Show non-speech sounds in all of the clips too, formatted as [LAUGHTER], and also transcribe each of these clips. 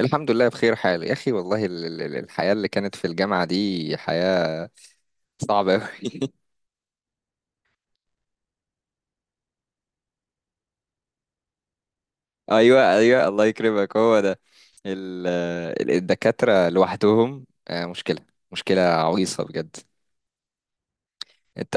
الحمد لله بخير حال يا اخي، والله الحياة اللي كانت في الجامعة دي حياة صعبة أوي. [LAUGHS] ايوه ايوه، الله يكرمك. هو ده ال- الدكاترة لوحدهم، مشكلة. مشكلة عويصة بجد. انت،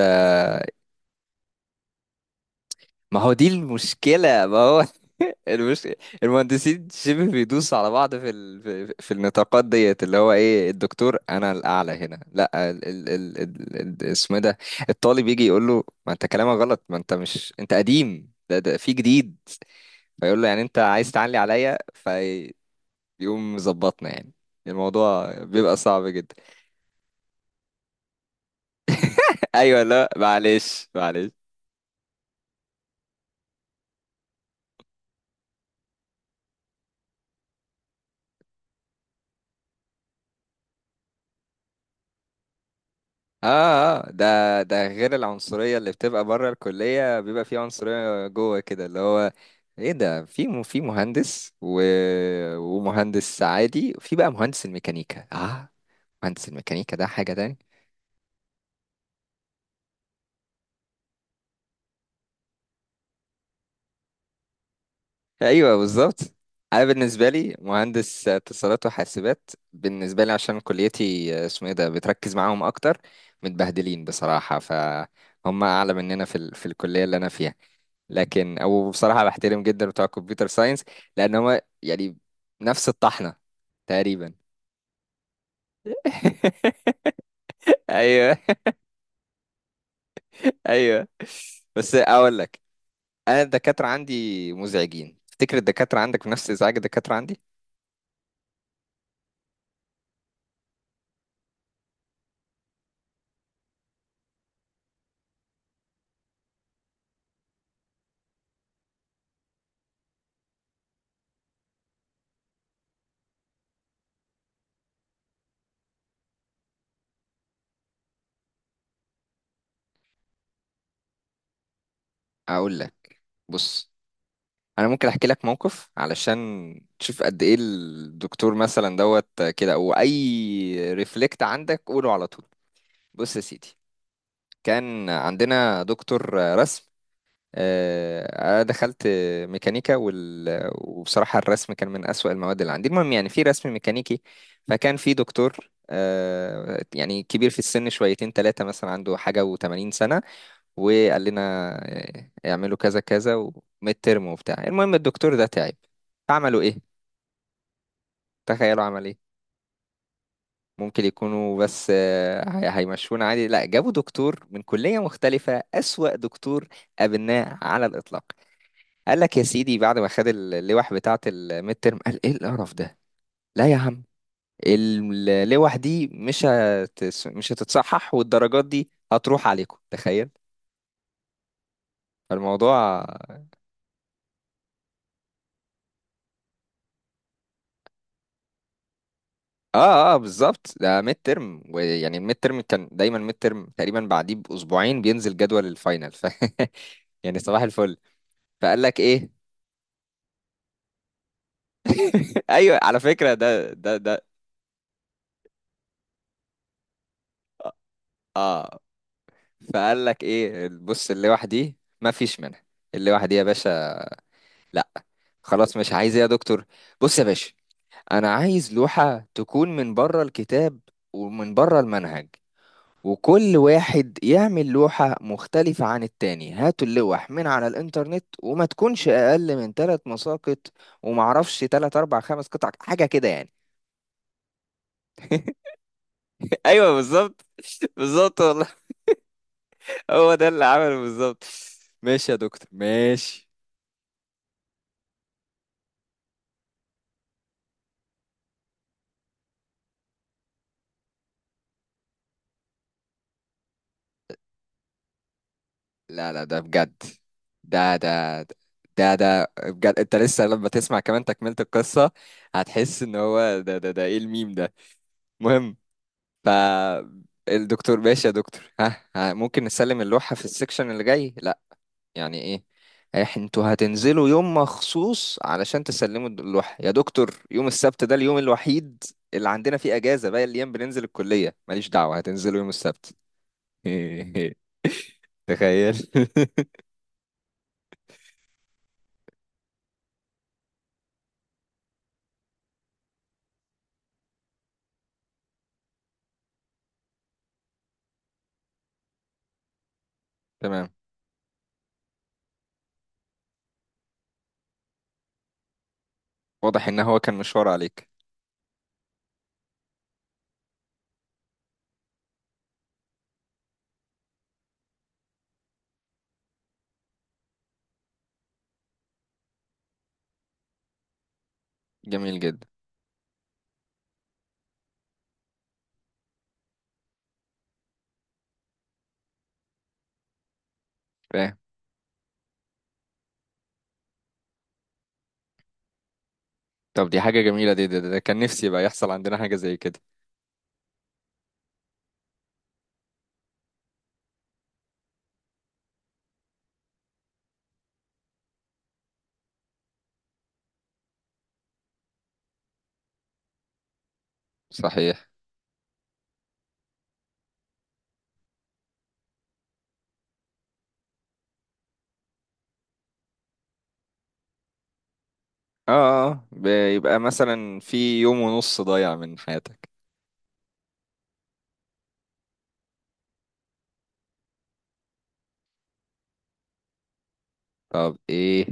ما هو دي المشكلة ما هو [LAUGHS] المشكلة. المهندسين شبه بيدوسوا على بعض في ال... في في النطاقات ديت، اللي هو ايه، الدكتور انا الاعلى هنا، لا اسمه إيه ده. الطالب يجي يقول له: ما انت كلامك غلط، ما انت مش، انت قديم ده في جديد. فيقول له يعني انت عايز تعلي عليا، فيقوم مظبطنا. يعني الموضوع بيبقى صعب جدا. [LAUGHS] ايوه، لا معلش معلش. اه اه، ده غير العنصرية اللي بتبقى بره الكلية، بيبقى في عنصرية جوه كده، اللي هو ايه ده. في مهندس و... ومهندس عادي، وفي بقى مهندس الميكانيكا. اه، مهندس الميكانيكا ده حاجة تاني. ايوه بالظبط. انا بالنسبه لي مهندس اتصالات وحاسبات، بالنسبه لي عشان كليتي اسمه ايه ده بتركز معاهم اكتر. متبهدلين بصراحه، فهم اعلى مننا في الكليه اللي انا فيها. لكن او بصراحه، بحترم جدا بتوع الكمبيوتر ساينس، لان هو يعني نفس الطحنه تقريبا. [LAUGHS] ايوه ايوه. بس اقول لك، انا الدكاتره عندي مزعجين، تفتكر الدكاتره عندك نفس ازعاج الدكاتره عندي؟ اقول لك، بص، انا ممكن احكي لك موقف علشان تشوف قد ايه الدكتور مثلا دوت كده، او اي ريفلكت عندك قوله على طول. بص يا سيدي، كان عندنا دكتور رسم. انا دخلت ميكانيكا وال... وبصراحة الرسم كان من اسوأ المواد اللي عندي. المهم، يعني في رسم ميكانيكي، فكان في دكتور يعني كبير في السن شويتين، ثلاثة مثلا عنده حاجة و80 سنة. وقال لنا اعملوا كذا كذا وميد ترم وبتاع. المهم الدكتور ده تعب، عملوا ايه؟ تخيلوا عمل ايه. ممكن يكونوا بس هيمشونا عادي، لا، جابوا دكتور من كلية مختلفة، أسوأ دكتور قابلناه على الإطلاق. قال لك يا سيدي بعد ما خد اللوح بتاعة الميد ترم قال: ايه القرف ده، لا يا عم، اللوح دي مش هتتصحح، والدرجات دي هتروح عليكم. تخيل الموضوع. اه اه بالظبط، ده ميد ترم، ويعني الميد ترم كان دايما، ميد ترم تقريبا بعديه باسبوعين بينزل جدول الفاينل ف [LAUGHS] يعني صباح الفل. فقال لك ايه؟ [LAUGHS] ايوه، على فكره ده. اه، فقال لك ايه؟ بص، اللي وحدي ما فيش منها، اللي وحدي يا باشا، لا خلاص. مش عايز إيه يا دكتور؟ بص يا باشا، انا عايز لوحه تكون من بره الكتاب ومن بره المنهج، وكل واحد يعمل لوحة مختلفة عن التاني، هاتوا اللوح من على الإنترنت، وما تكونش أقل من تلات مساقط، ومعرفش تلات أربع خمس قطع حاجة كده يعني. [LAUGHS] ايوه بالظبط، [LAUGHS] بالظبط والله، هو ده اللي عمله بالظبط. ماشي يا دكتور ماشي. لا لا ده بجد، ده ده ده بجد. انت لسه لما تسمع كمان تكملة القصة هتحس ان هو ده ايه الميم ده. المهم، فالدكتور ماشي يا دكتور، ها، ها ممكن نسلم اللوحة في السكشن اللي جاي؟ لا. يعني ايه؟ انتوا هتنزلوا يوم مخصوص علشان تسلموا اللوحة يا دكتور؟ يوم السبت ده اليوم الوحيد اللي عندنا فيه اجازة، باقي الايام بننزل الكلية. ماليش دعوة، هتنزلوا يوم السبت. [LAUGHS] تخيل. [LAUGHS] تمام، واضح ان هو كان مشوار عليك. جميل جدا، فاهم. طب دي حاجة جميلة، دي ده كان نفسي بقى يحصل عندنا حاجة زي كده. صحيح. اه، بيبقى مثلا في يوم ونص ضايع من حياتك. طب ايه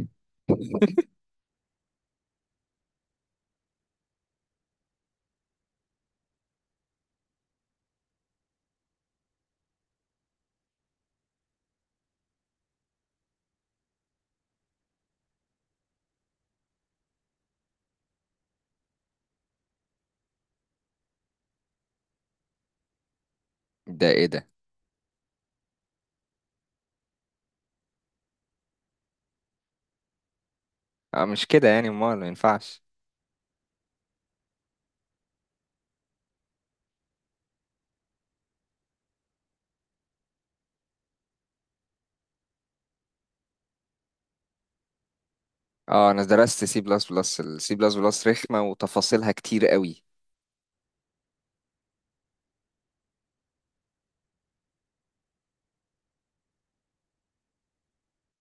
ده؟ ايه ده. اه مش كده يعني، امال ما ينفعش. اه، انا درست سي بلس بلس، السي بلس بلس رخمة وتفاصيلها كتير قوي.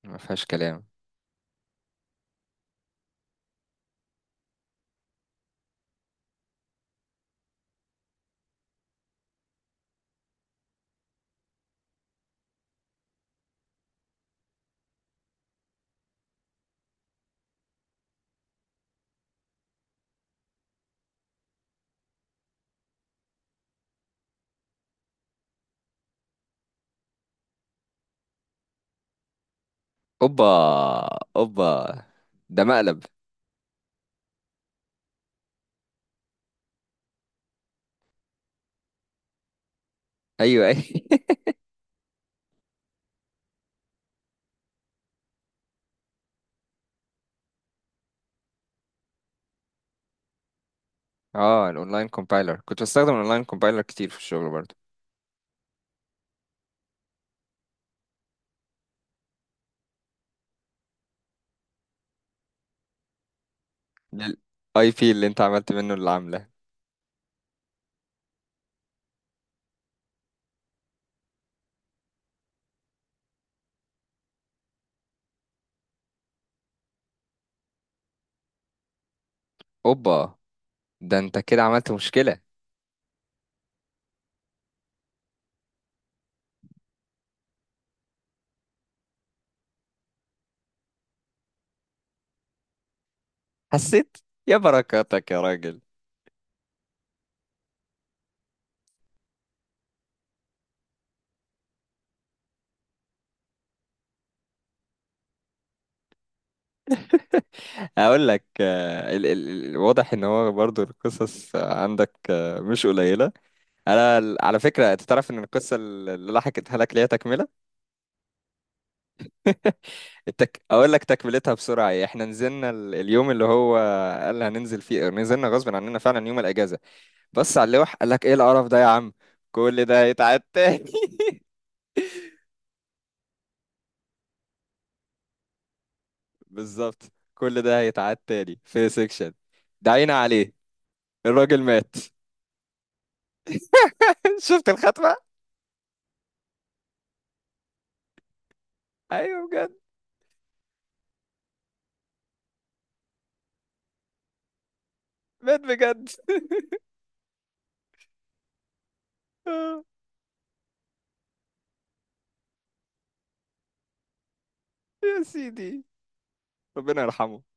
ما فيهاش كلام. اوبا، اوبا، ده مقلب. ايوه اي. [LAUGHS] اه، الاونلاين كومبايلر، كنت بستخدم الاونلاين كومبايلر كتير في الشغل برضو. الاي بي اللي انت عملت منه اللي عامله. اوبا، ده انت كده عملت مشكلة. حسيت، يا بركاتك يا راجل. اقول لك واضح ان هو برضو القصص عندك، مش قليله. انا على فكره، انت تعرف ان القصه اللي لحقتها لك ليها تكمله. اقول لك تكملتها بسرعه إيه. احنا نزلنا اليوم اللي هو قال هننزل فيه، نزلنا غصب عننا فعلا يوم الاجازه، بص على اللوح قال لك: ايه القرف ده يا عم، كل ده هيتعاد تاني. [LAUGHS] بالظبط، كل ده هيتعاد تاني في سيكشن، دعينا عليه. الراجل مات. [LAUGHS] شفت الخاتمه. ايوه بجد، مات بجد. [LAUGHS] يا سيدي، ربنا يرحمه.